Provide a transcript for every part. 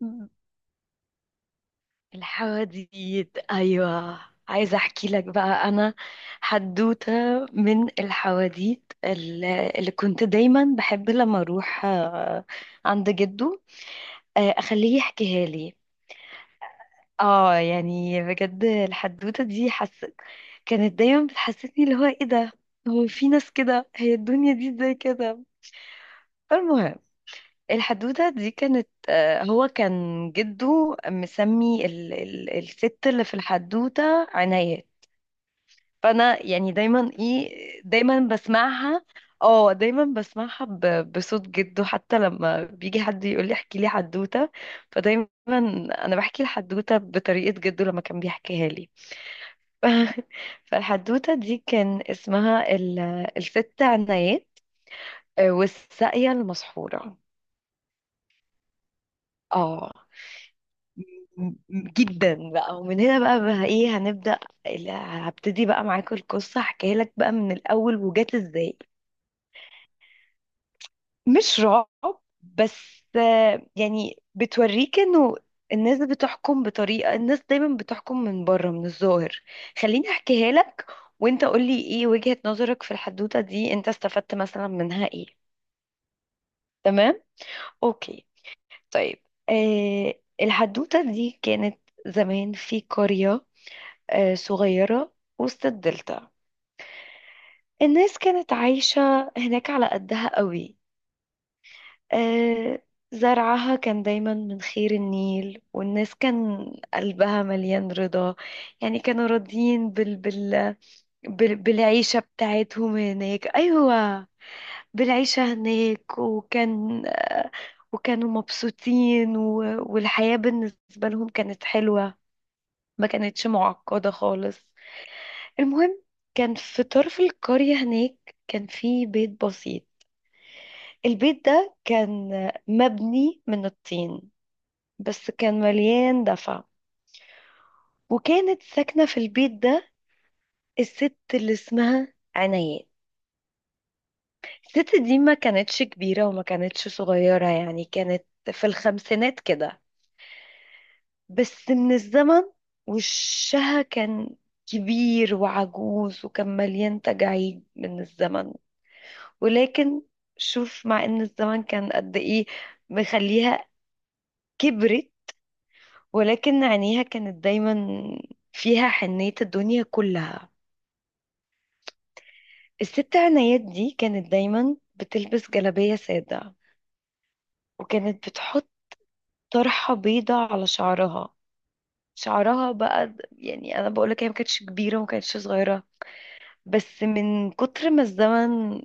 مم. الحواديت، ايوه. عايزه احكي لك بقى انا حدوته من الحواديت اللي كنت دايما بحب لما اروح عند جده. اخليه يحكيها لي. اه يعني بجد الحدوته دي حسيت كانت دايما بتحسسني اللي هو ايه ده، هو في ناس كده؟ هي الدنيا دي ازاي كده؟ فالمهم، الحدوتة دي كانت هو كان جده مسمي ال الست اللي في الحدوتة عناية. فأنا يعني دايما ايه، دايما بسمعها. اه دايما بسمعها بصوت جده، حتى لما بيجي حد يقول لي احكي لي حدوتة فدايما انا بحكي الحدوتة بطريقة جده لما كان بيحكيها لي. فالحدوتة دي كان اسمها ال الست عناية، والساقية المسحورة. اه، جدا بقى، ومن هنا بقى, بقى ايه هنبدأ. هبتدي بقى معاك القصة، احكيها لك بقى من الأول وجات ازاي. مش رعب، بس يعني بتوريك انه الناس بتحكم بطريقة، الناس دايما بتحكم من بره من الظاهر. خليني احكيها لك، وانت قولي ايه وجهة نظرك في الحدوتة دي، انت استفدت مثلا منها ايه. تمام، اوكي، طيب. آه، الحدوتة دي كانت زمان في قرية صغيرة وسط الدلتا. الناس كانت عايشة هناك على قدها قوي. آه، زرعها كان دايما من خير النيل، والناس كان قلبها مليان رضا، يعني كانوا راضيين بالعيشة بتاعتهم هناك، أيوة. بالعيشة هناك، وكان وكانوا مبسوطين والحياة بالنسبة لهم كانت حلوة، ما كانتش معقدة خالص. المهم، كان في طرف القرية هناك كان في بيت بسيط. البيت ده كان مبني من الطين، بس كان مليان دفع. وكانت ساكنة في البيت ده الست اللي اسمها عنايات. الست دي ما كانتش كبيرة وما كانتش صغيرة، يعني كانت في الخمسينات كده. بس من الزمن، وشها كان كبير وعجوز وكان مليان تجاعيد من الزمن. ولكن شوف، مع ان الزمن كان قد ايه مخليها كبرت، ولكن عينيها كانت دايما فيها حنية الدنيا كلها. الست عنايات دي كانت دايما بتلبس جلابية سادة، وكانت بتحط طرحة بيضة على شعرها. شعرها بقى يعني انا بقولك هي ما كانتش كبيرة وما كانتش صغيرة، بس من كتر ما الزمن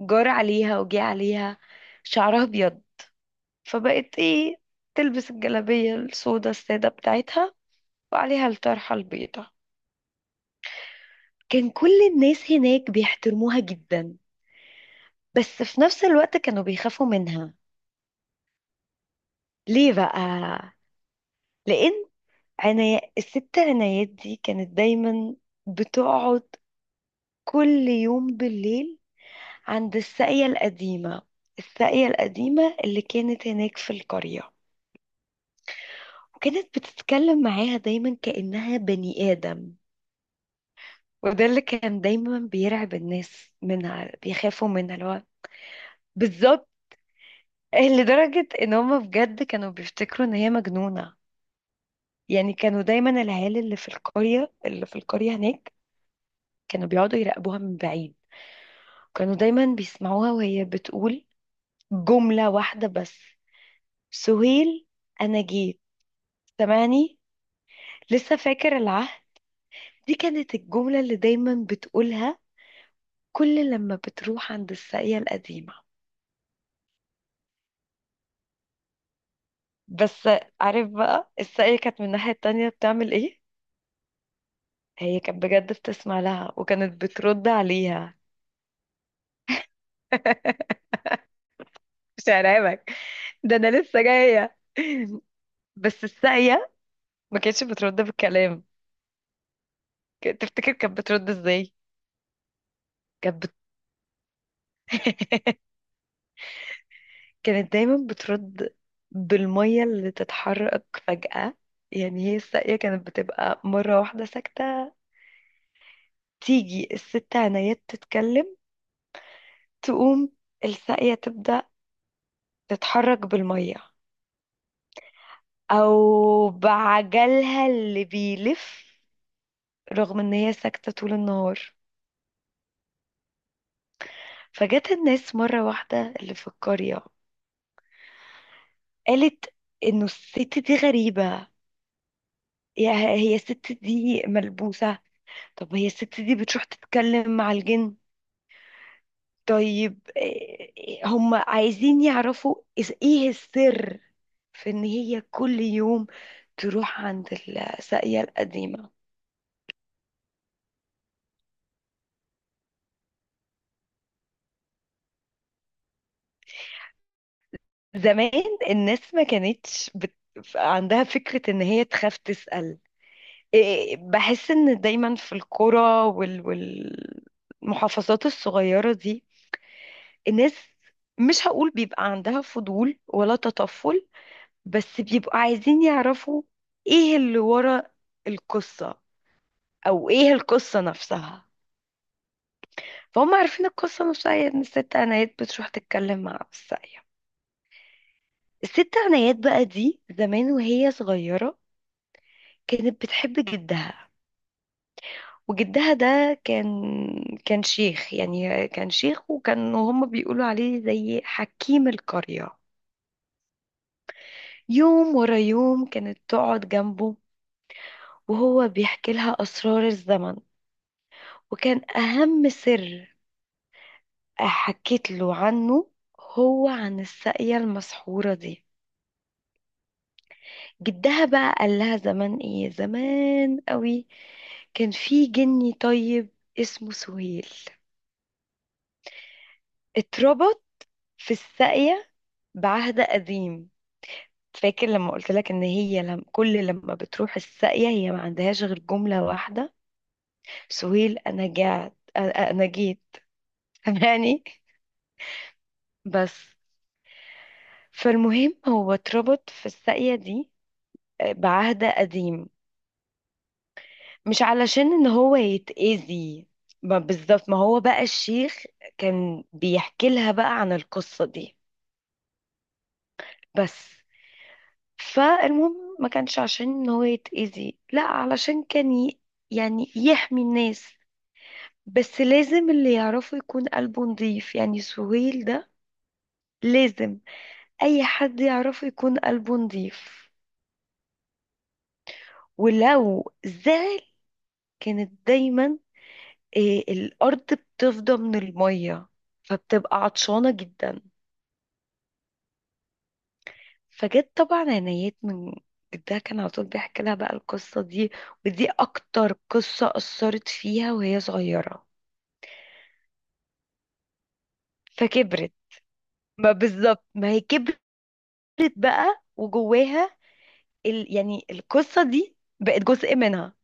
جار عليها وجه عليها شعرها ابيض. فبقت ايه، تلبس الجلابية السودا السادة بتاعتها، وعليها الطرحة البيضة. كان كل الناس هناك بيحترموها جدا، بس في نفس الوقت كانوا بيخافوا منها. ليه بقى؟ لأن الست عنايات دي كانت دايما بتقعد كل يوم بالليل عند الساقية القديمة، الساقية القديمة اللي كانت هناك في القرية، وكانت بتتكلم معاها دايما كأنها بني آدم. وده اللي كان دايما بيرعب الناس منها، بيخافوا منها اللي هو بالظبط. لدرجة ان هما بجد كانوا بيفتكروا ان هي مجنونة. يعني كانوا دايما العيال اللي في القرية هناك كانوا بيقعدوا يراقبوها من بعيد. كانوا دايما بيسمعوها وهي بتقول جملة واحدة بس: سهيل انا جيت، سامعني؟ لسه فاكر العهد؟ دي كانت الجملة اللي دايما بتقولها كل لما بتروح عند الساقية القديمة. بس عارف بقى الساقية كانت من الناحية التانية بتعمل ايه؟ هي كانت بجد بتسمع لها وكانت بترد عليها. مش هرعبك، ده انا لسه جاية. بس الساقية ما كانتش بترد بالكلام. تفتكر كانت بترد ازاي؟ كانت بت... كانت دايما بترد بالمية اللي تتحرك فجأة. يعني هي الساقية كانت بتبقى مرة واحدة ساكتة، تيجي الست عنايات تتكلم، تقوم الساقية تبدأ تتحرك بالمية او بعجلها اللي بيلف، رغم ان هي ساكتة طول النهار. فجت الناس مرة واحدة اللي في القرية، قالت انه الست دي غريبة، يا هي الست دي ملبوسة، طب هي الست دي بتروح تتكلم مع الجن؟ طيب هم عايزين يعرفوا ايه السر في ان هي كل يوم تروح عند الساقية القديمة. زمان الناس ما كانتش عندها فكرة ان هي تخاف تسأل. إيه، بحس ان دايما في القرى وال... والمحافظات الصغيرة دي الناس، مش هقول بيبقى عندها فضول ولا تطفل، بس بيبقوا عايزين يعرفوا ايه اللي ورا القصة، او ايه القصة نفسها. فهم عارفين القصة نفسها هي ان الست عنايات بتروح تتكلم مع الساقية. الست عنايات بقى دي زمان وهي صغيرة كانت بتحب جدها. وجدها ده كان شيخ، يعني كان شيخ، وكان هما بيقولوا عليه زي حكيم القرية. يوم ورا يوم كانت تقعد جنبه وهو بيحكي لها أسرار الزمن. وكان أهم سر حكيت له عنه هو عن الساقية المسحورة دي. جدها بقى قال لها زمان، ايه زمان قوي، كان في جني طيب اسمه سهيل، اتربط في الساقية بعهد قديم. فاكر لما قلت لك ان هي لم كل لما بتروح الساقية هي ما عندهاش غير جملة واحدة: سهيل انا جعت، انا جيت. يعني، بس فالمهم هو اتربط في الساقية دي بعهد قديم. مش علشان ان هو يتأذي، ما بالظبط، ما هو بقى الشيخ كان بيحكي لها بقى عن القصة دي. بس فالمهم، ما كانش عشان ان هو يتأذي، لا علشان يعني يحمي الناس. بس لازم اللي يعرفه يكون قلبه نضيف، يعني سهيل ده لازم اي حد يعرفه يكون قلبه نضيف، ولو زعل كانت دايما إيه، الارض بتفضى من المية فبتبقى عطشانة جدا. فجت طبعا عنايات من جدها، كان على طول بيحكي لها بقى القصة دي، ودي اكتر قصة اثرت فيها وهي صغيرة. فكبرت، ما بالظبط ما هي كبرت بقى وجواها يعني القصة دي بقت جزء منها،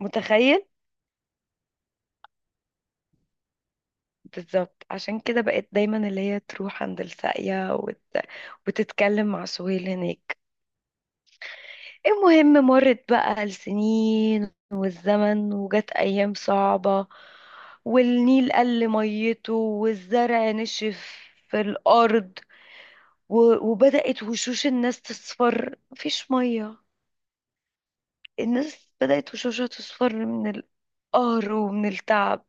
متخيل؟ بالظبط، عشان كده بقت دايما اللي هي تروح عند الساقية وتتكلم مع سهيل هناك. المهم، مرت بقى السنين والزمن، وجت أيام صعبة، والنيل قل ميته، والزرع نشف في الأرض، وبدأت وشوش الناس تصفر، مفيش مية. الناس بدأت وشوشها تصفر من القهر ومن التعب.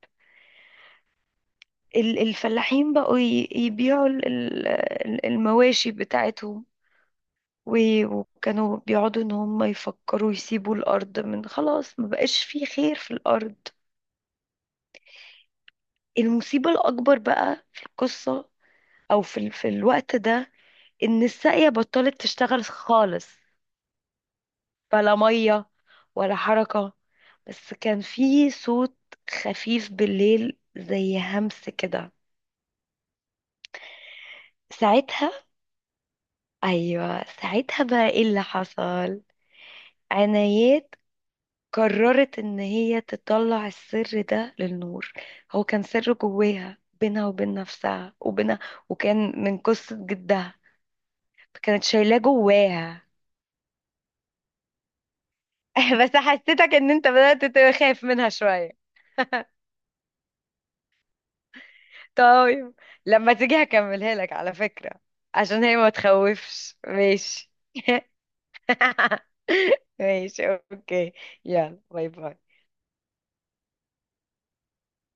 الفلاحين بقوا يبيعوا المواشي بتاعتهم، وكانوا بيقعدوا ان هم يفكروا يسيبوا الارض، من خلاص ما بقاش في خير في الارض. المصيبة الاكبر بقى في القصة او في في الوقت ده ان الساقية بطلت تشتغل خالص، بلا مية ولا حركة، بس كان في صوت خفيف بالليل زي همس كده. ساعتها، ايوه ساعتها بقى ايه اللي حصل. عنايات قررت ان هي تطلع السر ده للنور. هو كان سر جواها بينها وبين نفسها وبينها، وكان من قصة جدها، كانت شايلاه جواها. بس حسيتك ان انت بدأت تخاف منها شوية. طيب لما تيجي هكملها لك على فكرة، عشان هي ما تخوفش. ماشي. ماشي، اوكي. يلا باي باي.